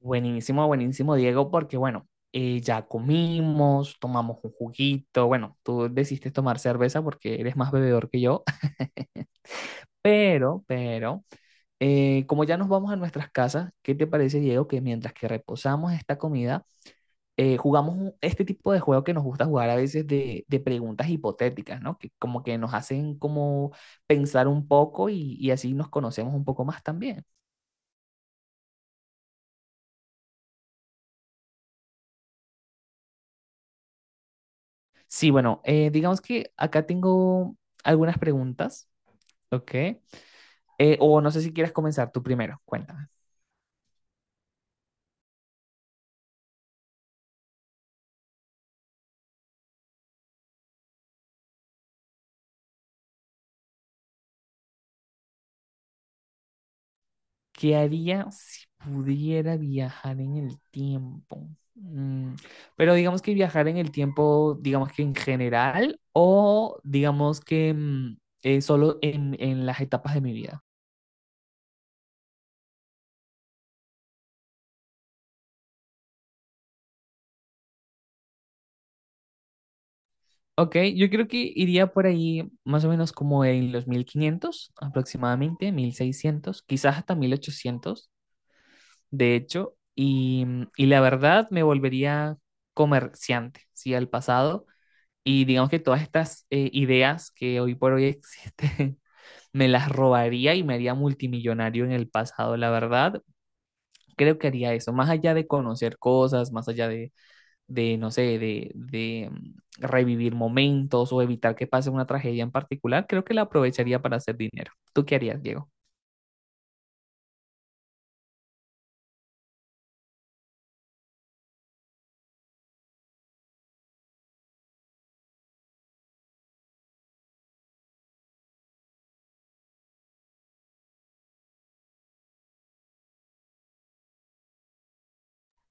Buenísimo, buenísimo, Diego, porque bueno, ya comimos, tomamos un juguito, bueno, tú decidiste tomar cerveza porque eres más bebedor que yo, pero, pero, como ya nos vamos a nuestras casas, ¿qué te parece, Diego, que mientras que reposamos esta comida, jugamos este tipo de juego que nos gusta jugar a veces de preguntas hipotéticas, ¿no? Que como que nos hacen como pensar un poco y así nos conocemos un poco más también. Sí, bueno, digamos que acá tengo algunas preguntas. Ok. O no sé si quieres comenzar tú primero, cuéntame. ¿Qué haría si pudiera viajar en el tiempo? Pero digamos que viajar en el tiempo, digamos que en general, o digamos que solo en las etapas de mi vida. Ok, yo creo que iría por ahí más o menos como en los 1500 aproximadamente, 1600, quizás hasta 1800, de hecho, y la verdad me volvería comerciante, ¿sí? Al pasado, y digamos que todas estas ideas que hoy por hoy existen, me las robaría y me haría multimillonario en el pasado, la verdad, creo que haría eso, más allá de conocer cosas, más allá de no sé, de revivir momentos o evitar que pase una tragedia en particular, creo que la aprovecharía para hacer dinero. ¿Tú qué harías, Diego?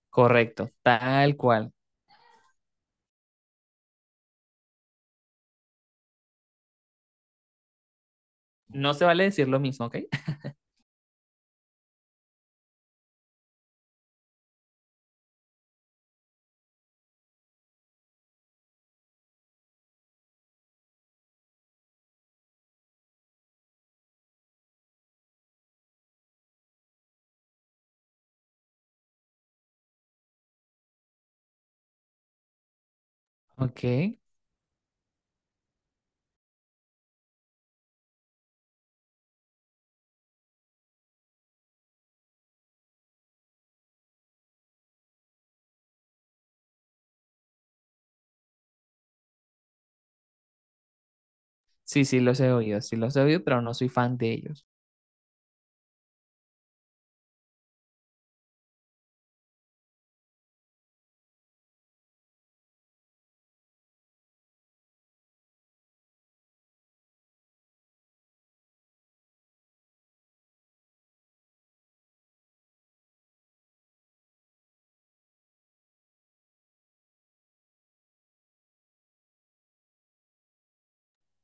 Correcto, tal cual. No se vale decir lo mismo, ¿ok? Ok. Sí, sí, los he oído, sí los he oído, pero no soy fan de ellos.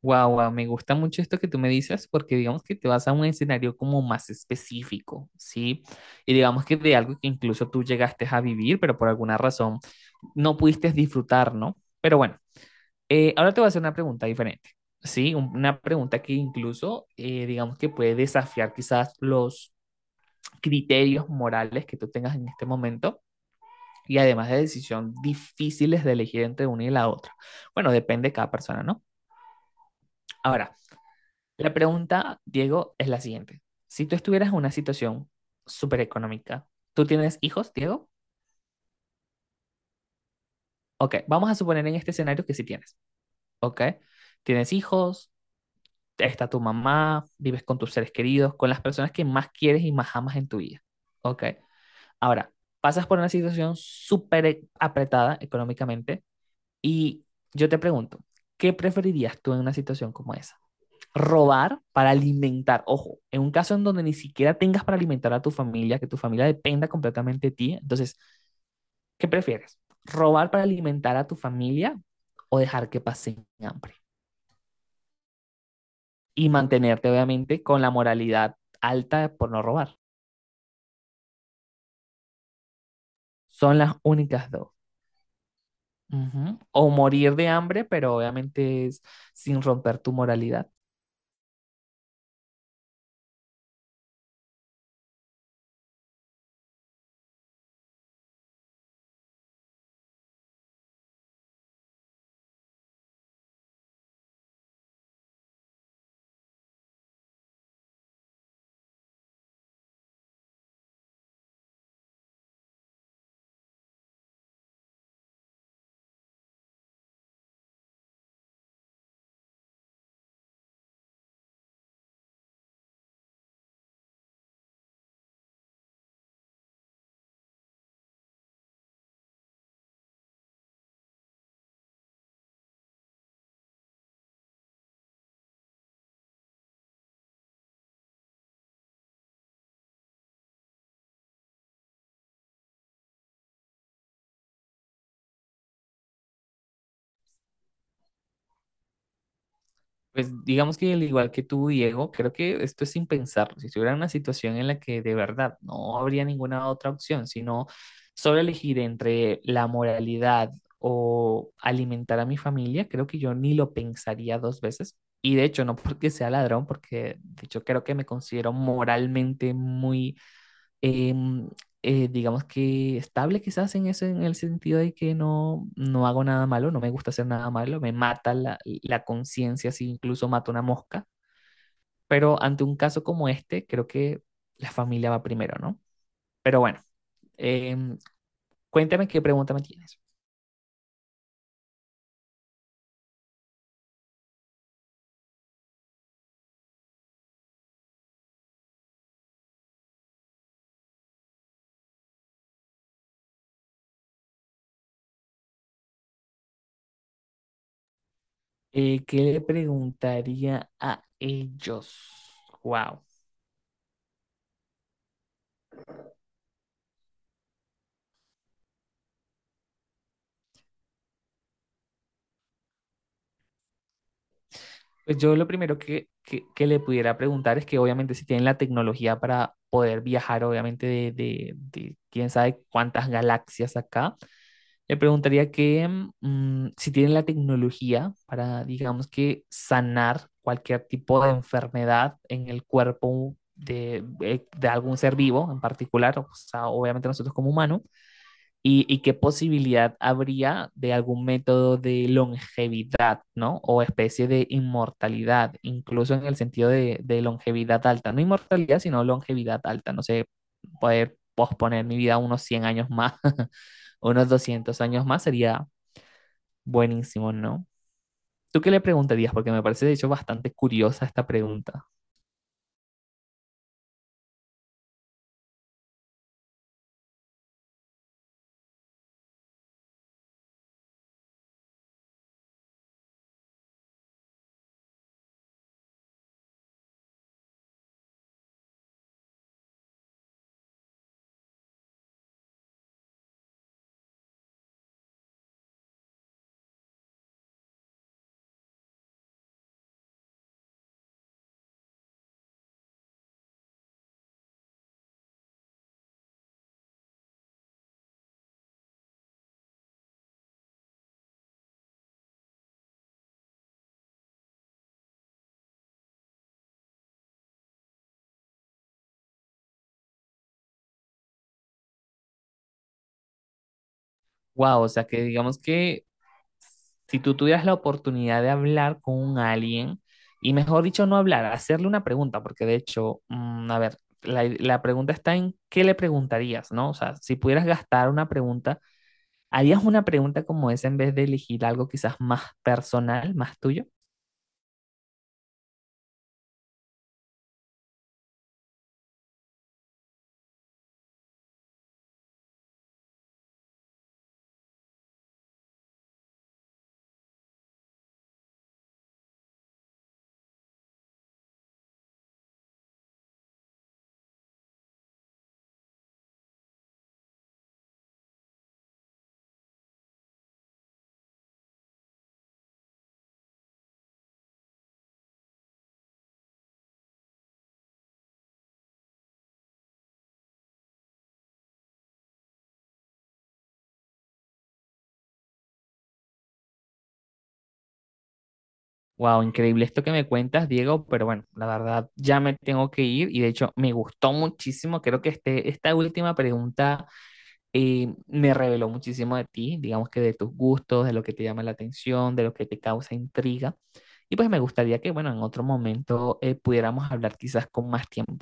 Guau, guau, me gusta mucho esto que tú me dices porque digamos que te vas a un escenario como más específico, ¿sí? Y digamos que de algo que incluso tú llegaste a vivir, pero por alguna razón no pudiste disfrutar, ¿no? Pero bueno, ahora te voy a hacer una pregunta diferente, ¿sí? Una pregunta que incluso, digamos que puede desafiar quizás los criterios morales que tú tengas en este momento y además de decisión difíciles de elegir entre una y la otra. Bueno, depende de cada persona, ¿no? Ahora, la pregunta, Diego, es la siguiente. Si tú estuvieras en una situación súper económica, ¿tú tienes hijos, Diego? Ok, vamos a suponer en este escenario que sí tienes, ¿ok? Tienes hijos, está tu mamá, vives con tus seres queridos, con las personas que más quieres y más amas en tu vida. Ok. Ahora, pasas por una situación súper apretada económicamente y yo te pregunto, ¿qué preferirías tú en una situación como esa? Robar para alimentar, ojo, en un caso en donde ni siquiera tengas para alimentar a tu familia, que tu familia dependa completamente de ti, entonces, ¿qué prefieres? ¿Robar para alimentar a tu familia o dejar que pasen hambre? Y mantenerte obviamente con la moralidad alta por no robar. Son las únicas dos. Ujú. O morir de hambre, pero obviamente es sin romper tu moralidad. Pues digamos que al igual que tú, Diego, creo que esto es sin pensarlo. Si estuviera en una situación en la que de verdad no habría ninguna otra opción, sino solo elegir entre la moralidad o alimentar a mi familia, creo que yo ni lo pensaría dos veces. Y de hecho, no porque sea ladrón, porque de hecho creo que me considero moralmente muy em, digamos que estable quizás en eso, en el sentido de que no, no hago nada malo, no me gusta hacer nada malo, me mata la conciencia si incluso mato una mosca, pero ante un caso como este, creo que la familia va primero, ¿no? Pero bueno, em, cuéntame qué pregunta me tienes. ¿Qué le preguntaría a ellos? Wow. Pues yo lo primero que le pudiera preguntar es que obviamente si tienen la tecnología para poder viajar, obviamente de quién sabe cuántas galaxias acá, le preguntaría que si tienen la tecnología para, digamos que, sanar cualquier tipo de enfermedad en el cuerpo de algún ser vivo en particular, o sea, obviamente nosotros como humanos, y qué posibilidad habría de algún método de longevidad, ¿no? O especie de inmortalidad, incluso en el sentido de longevidad alta, no inmortalidad, sino longevidad alta, no sé, poder posponer mi vida unos 100 años más, unos 200 años más sería buenísimo, ¿no? ¿Tú qué le preguntarías? Porque me parece de hecho bastante curiosa esta pregunta. Wow, o sea que digamos que si tú tuvieras la oportunidad de hablar con un alien, y mejor dicho, no hablar, hacerle una pregunta, porque de hecho, a ver, la pregunta está en qué le preguntarías, ¿no? O sea, si pudieras gastar una pregunta, ¿harías una pregunta como esa en vez de elegir algo quizás más personal, más tuyo? Wow, increíble esto que me cuentas, Diego, pero bueno, la verdad ya me tengo que ir y de hecho me gustó muchísimo. Creo que esta última pregunta me reveló muchísimo de ti, digamos que de tus gustos, de lo que te llama la atención, de lo que te causa intriga. Y pues me gustaría que, bueno, en otro momento pudiéramos hablar quizás con más tiempo.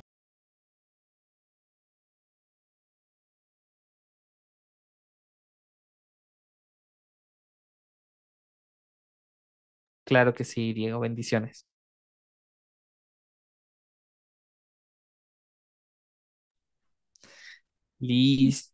Claro que sí, Diego, bendiciones. Listo.